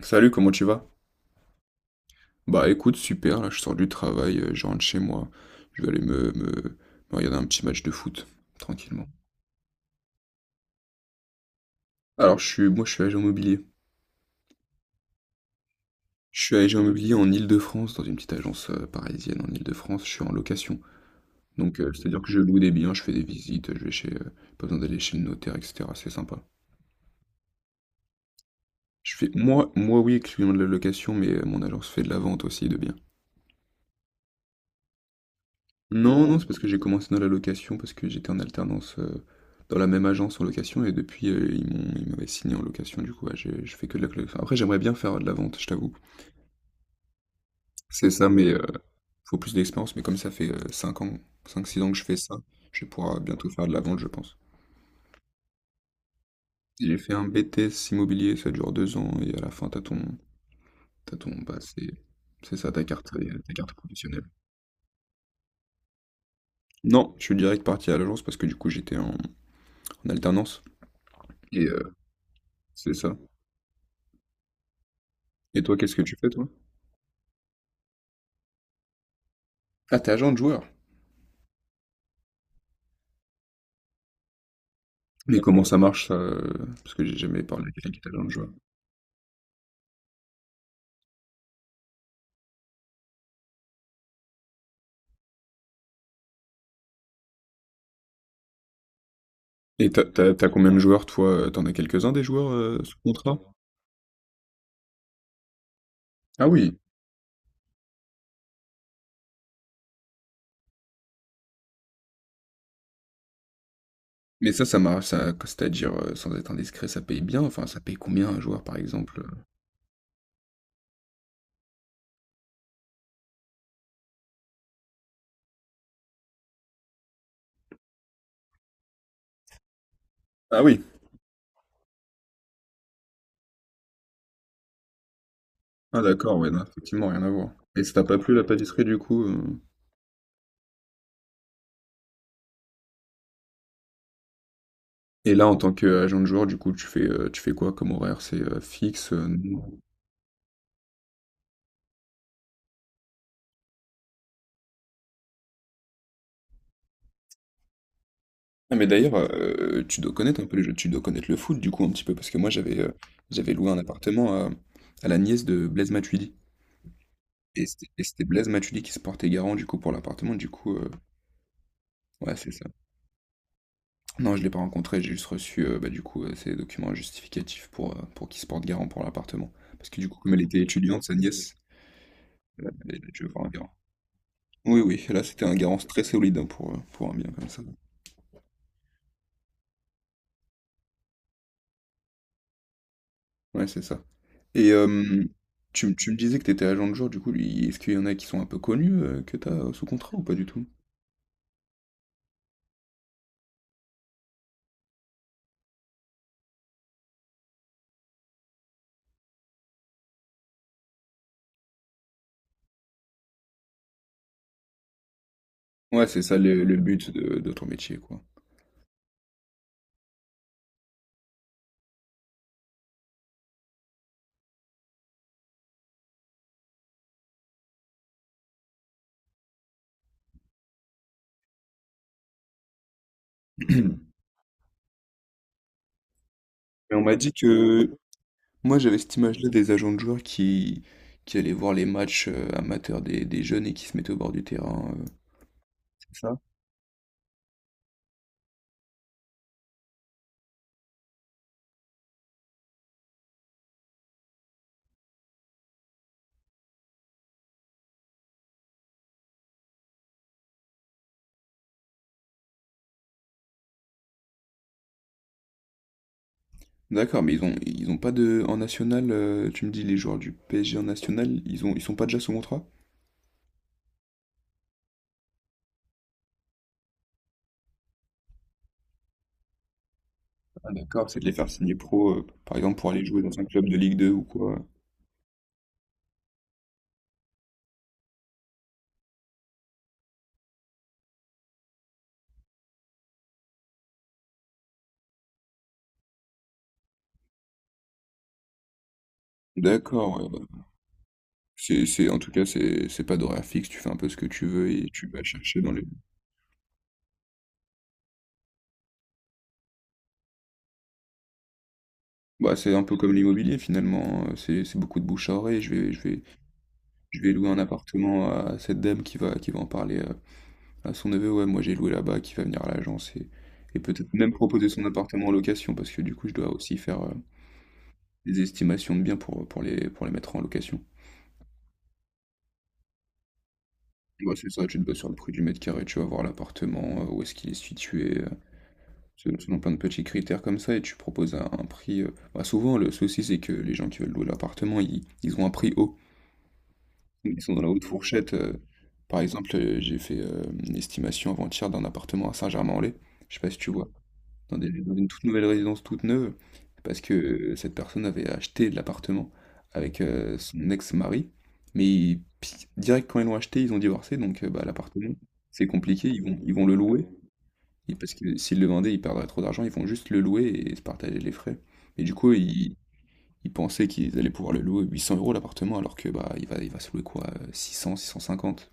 Salut, comment tu vas? Bah écoute, super, là je sors du travail, je rentre chez moi. Je vais aller me regarder un petit match de foot, tranquillement. Alors moi je suis agent immobilier. Je suis agent immobilier en Île-de-France, dans une petite agence parisienne en Île-de-France, je suis en location. Donc c'est-à-dire que je loue des biens, je fais des visites, pas besoin d'aller chez le notaire, etc. C'est sympa. Je fais, moi oui, exclusivement de la location, mais mon agence fait de la vente aussi de biens. Non, non, c'est parce que j'ai commencé dans la location, parce que j'étais en alternance dans la même agence en location, et depuis, ils m'avaient signé en location, du coup, ouais, je fais que de la location. Après, j'aimerais bien faire de la vente, je t'avoue. C'est ça, mais faut plus d'expérience, mais comme ça fait cinq six ans que je fais ça, je vais pouvoir bientôt faire de la vente, je pense. J'ai fait un BTS immobilier, ça dure 2 ans, et à la fin, t'as ton, bah, c'est, c'est ça, ta carte professionnelle. Non, je suis direct parti à l'agence, parce que du coup, j'étais en alternance, et c'est ça. Et toi, qu'est-ce que tu fais, toi? Ah, t'es agent de joueur. Mais comment ça marche ça? Parce que j'ai jamais parlé à quelqu'un qui est agent de joueur. Et t'as combien de joueurs toi? T'en as quelques-uns des joueurs sous contrat? Ah oui. Mais ça marche, ça, c'est-à-dire, sans être indiscret, ça paye bien. Enfin, ça paye combien un joueur par exemple? Ah oui. Ah d'accord, ouais, non, effectivement, rien à voir. Et ça t'a pas plu la pâtisserie du coup? Et là, en tant qu'agent de joueur, du coup, tu fais quoi comme horaire? C'est fixe? Ah, mais d'ailleurs, tu dois connaître un peu les jeux, tu dois connaître le foot du coup un petit peu, parce que moi j'avais loué un appartement à la nièce de Blaise Matuidi. Et c'était Blaise Matuidi qui se portait garant du coup pour l'appartement, du coup, ouais c'est ça. Non, je l'ai pas rencontré, j'ai juste reçu bah, du coup ses documents justificatifs pour qu'il se porte garant pour l'appartement. Parce que du coup, comme elle était étudiante, sa nièce, elle a dû avoir un garant. Oui, oui, là c'était un garant très solide hein, pour un bien comme ça. Ouais, c'est ça. Et tu me disais que tu étais agent de joueur du coup, lui est-ce qu'il y en a qui sont un peu connus, que tu as, sous contrat ou pas du tout? Ouais, c'est ça le but de ton métier, quoi. Et on m'a dit que moi, j'avais cette image-là des agents de joueurs qui allaient voir les matchs, amateurs des jeunes et qui se mettaient au bord du terrain, c'est ça? D'accord, mais ils ont pas de en national, tu me dis les joueurs du PSG en national, ils sont pas déjà sous contrat? Ah d'accord, c'est de les faire signer pro, par exemple pour aller jouer dans un club de Ligue 2 ou quoi. D'accord, ouais, bah, en tout cas, c'est pas d'horaire fixe, tu fais un peu ce que tu veux et tu vas chercher dans les... Bah, c'est un peu comme l'immobilier finalement, c'est beaucoup de bouche à oreille, je vais louer un appartement à cette dame qui va en parler à son neveu, ouais, moi j'ai loué là-bas, qui va venir à l'agence et peut-être même proposer son appartement en location parce que du coup, je dois aussi faire des estimations de biens pour les mettre en location. Bah, c'est ça, tu te bases sur le prix du mètre carré, tu vas voir l'appartement, où est-ce qu'il est situé. Selon plein de petits critères comme ça, et tu proposes un prix. Bah, souvent, le souci, c'est que les gens qui veulent louer l'appartement, ils ont un prix haut. Ils sont dans la haute fourchette. Par exemple, j'ai fait une estimation avant-hier d'un appartement à Saint-Germain-en-Laye. Je sais pas si tu vois. Dans une toute nouvelle résidence, toute neuve. Parce que cette personne avait acheté de l'appartement avec son ex-mari. Mais direct quand ils l'ont acheté, ils ont divorcé. Donc, bah, l'appartement, c'est compliqué. Ils vont le louer. Oui, parce que s'ils le vendaient, ils perdraient trop d'argent, ils vont juste le louer et se partager les frais. Et du coup, ils pensaient qu'ils allaient pouvoir le louer 800 € l'appartement, alors que bah il va se louer quoi, 600, 650.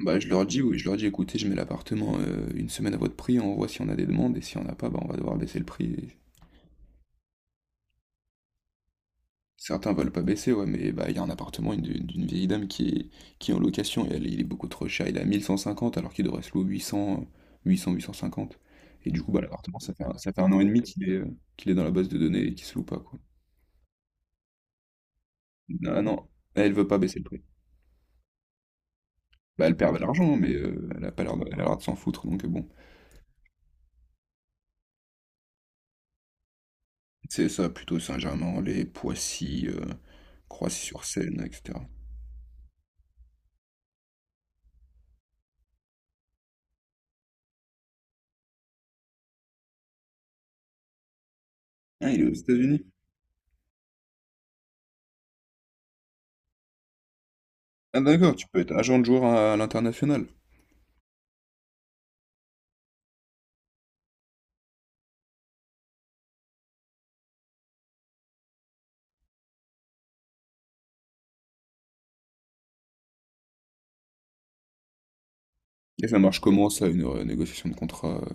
Bah je leur dis, oui, je leur dis, écoutez, je mets l'appartement une semaine à votre prix, on voit si on a des demandes, et si on n'a pas, bah on va devoir baisser le prix. Certains veulent pas baisser, ouais, mais bah, il y a un appartement d'une vieille dame qui est en location et elle, il est beaucoup trop cher. Il est à 1150 alors qu'il devrait se louer 800, 850. Et du coup, bah, l'appartement, ça fait un an et demi qu'il est dans la base de données et qu'il se loue pas, quoi. Ah non, elle veut pas baisser le prix. Bah, elle perd de l'argent, mais elle a pas l'air de, elle a l'air de s'en foutre, donc bon. C'est ça, plutôt Saint-Germain-en-Laye, Poissy, Croissy-sur-Seine, etc. Ah, il est aux États-Unis. Ah d'accord, tu peux être agent de joueur à l'international. Et ça marche comment ça, une négociation de contrat?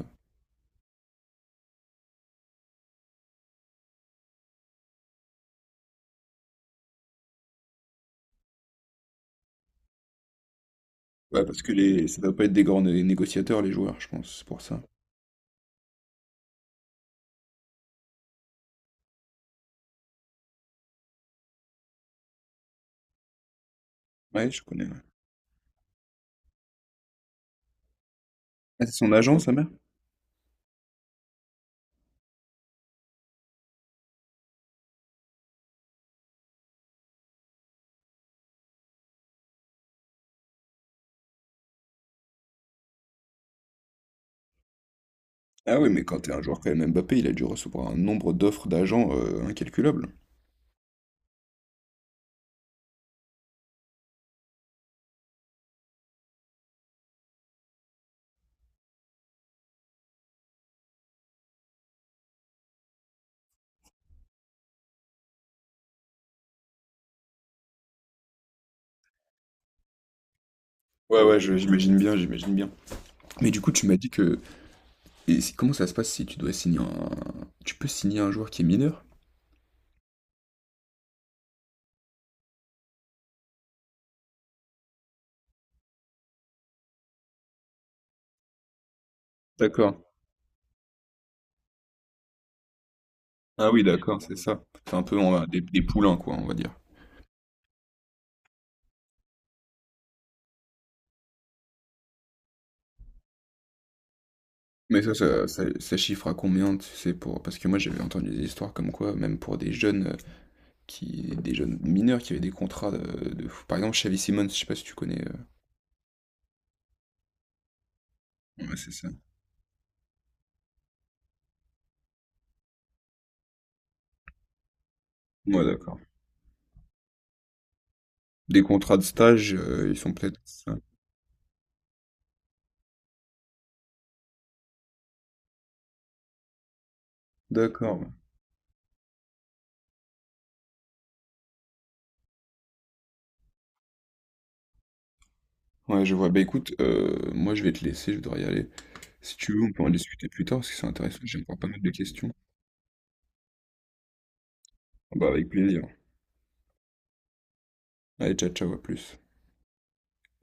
Ouais, parce que ça doit pas être des grands négociateurs, les joueurs, je pense, c'est pour ça. Ouais, je connais, ouais. Ah, c'est son agent, sa mère? Ah oui, mais quand t'es un joueur quand même Mbappé, il a dû recevoir un nombre d'offres d'agents incalculable. Ouais, ouais, j'imagine bien, j'imagine bien. Mais du coup, tu m'as dit que... Et comment ça se passe si tu dois signer un... Tu peux signer un joueur qui est mineur? D'accord. Ah oui, d'accord, c'est ça. C'est un peu des poulains, quoi, on va dire. Mais ça chiffre à combien, tu sais, pour... Parce que moi, j'avais entendu des histoires comme quoi, même pour des jeunes des jeunes mineurs qui avaient des contrats de fou. Par exemple, Xavi Simons, je sais pas si tu connais. Ouais, c'est ça. Ouais, d'accord. Des contrats de stage, ils sont peut-être ça. D'accord. Ouais, je vois. Bah écoute, moi, je vais te laisser, je dois y aller. Si tu veux, on peut en discuter plus tard, parce que c'est intéressant, j'ai encore pas mal de questions. Bah, avec plaisir. Allez, ciao, ciao, à plus.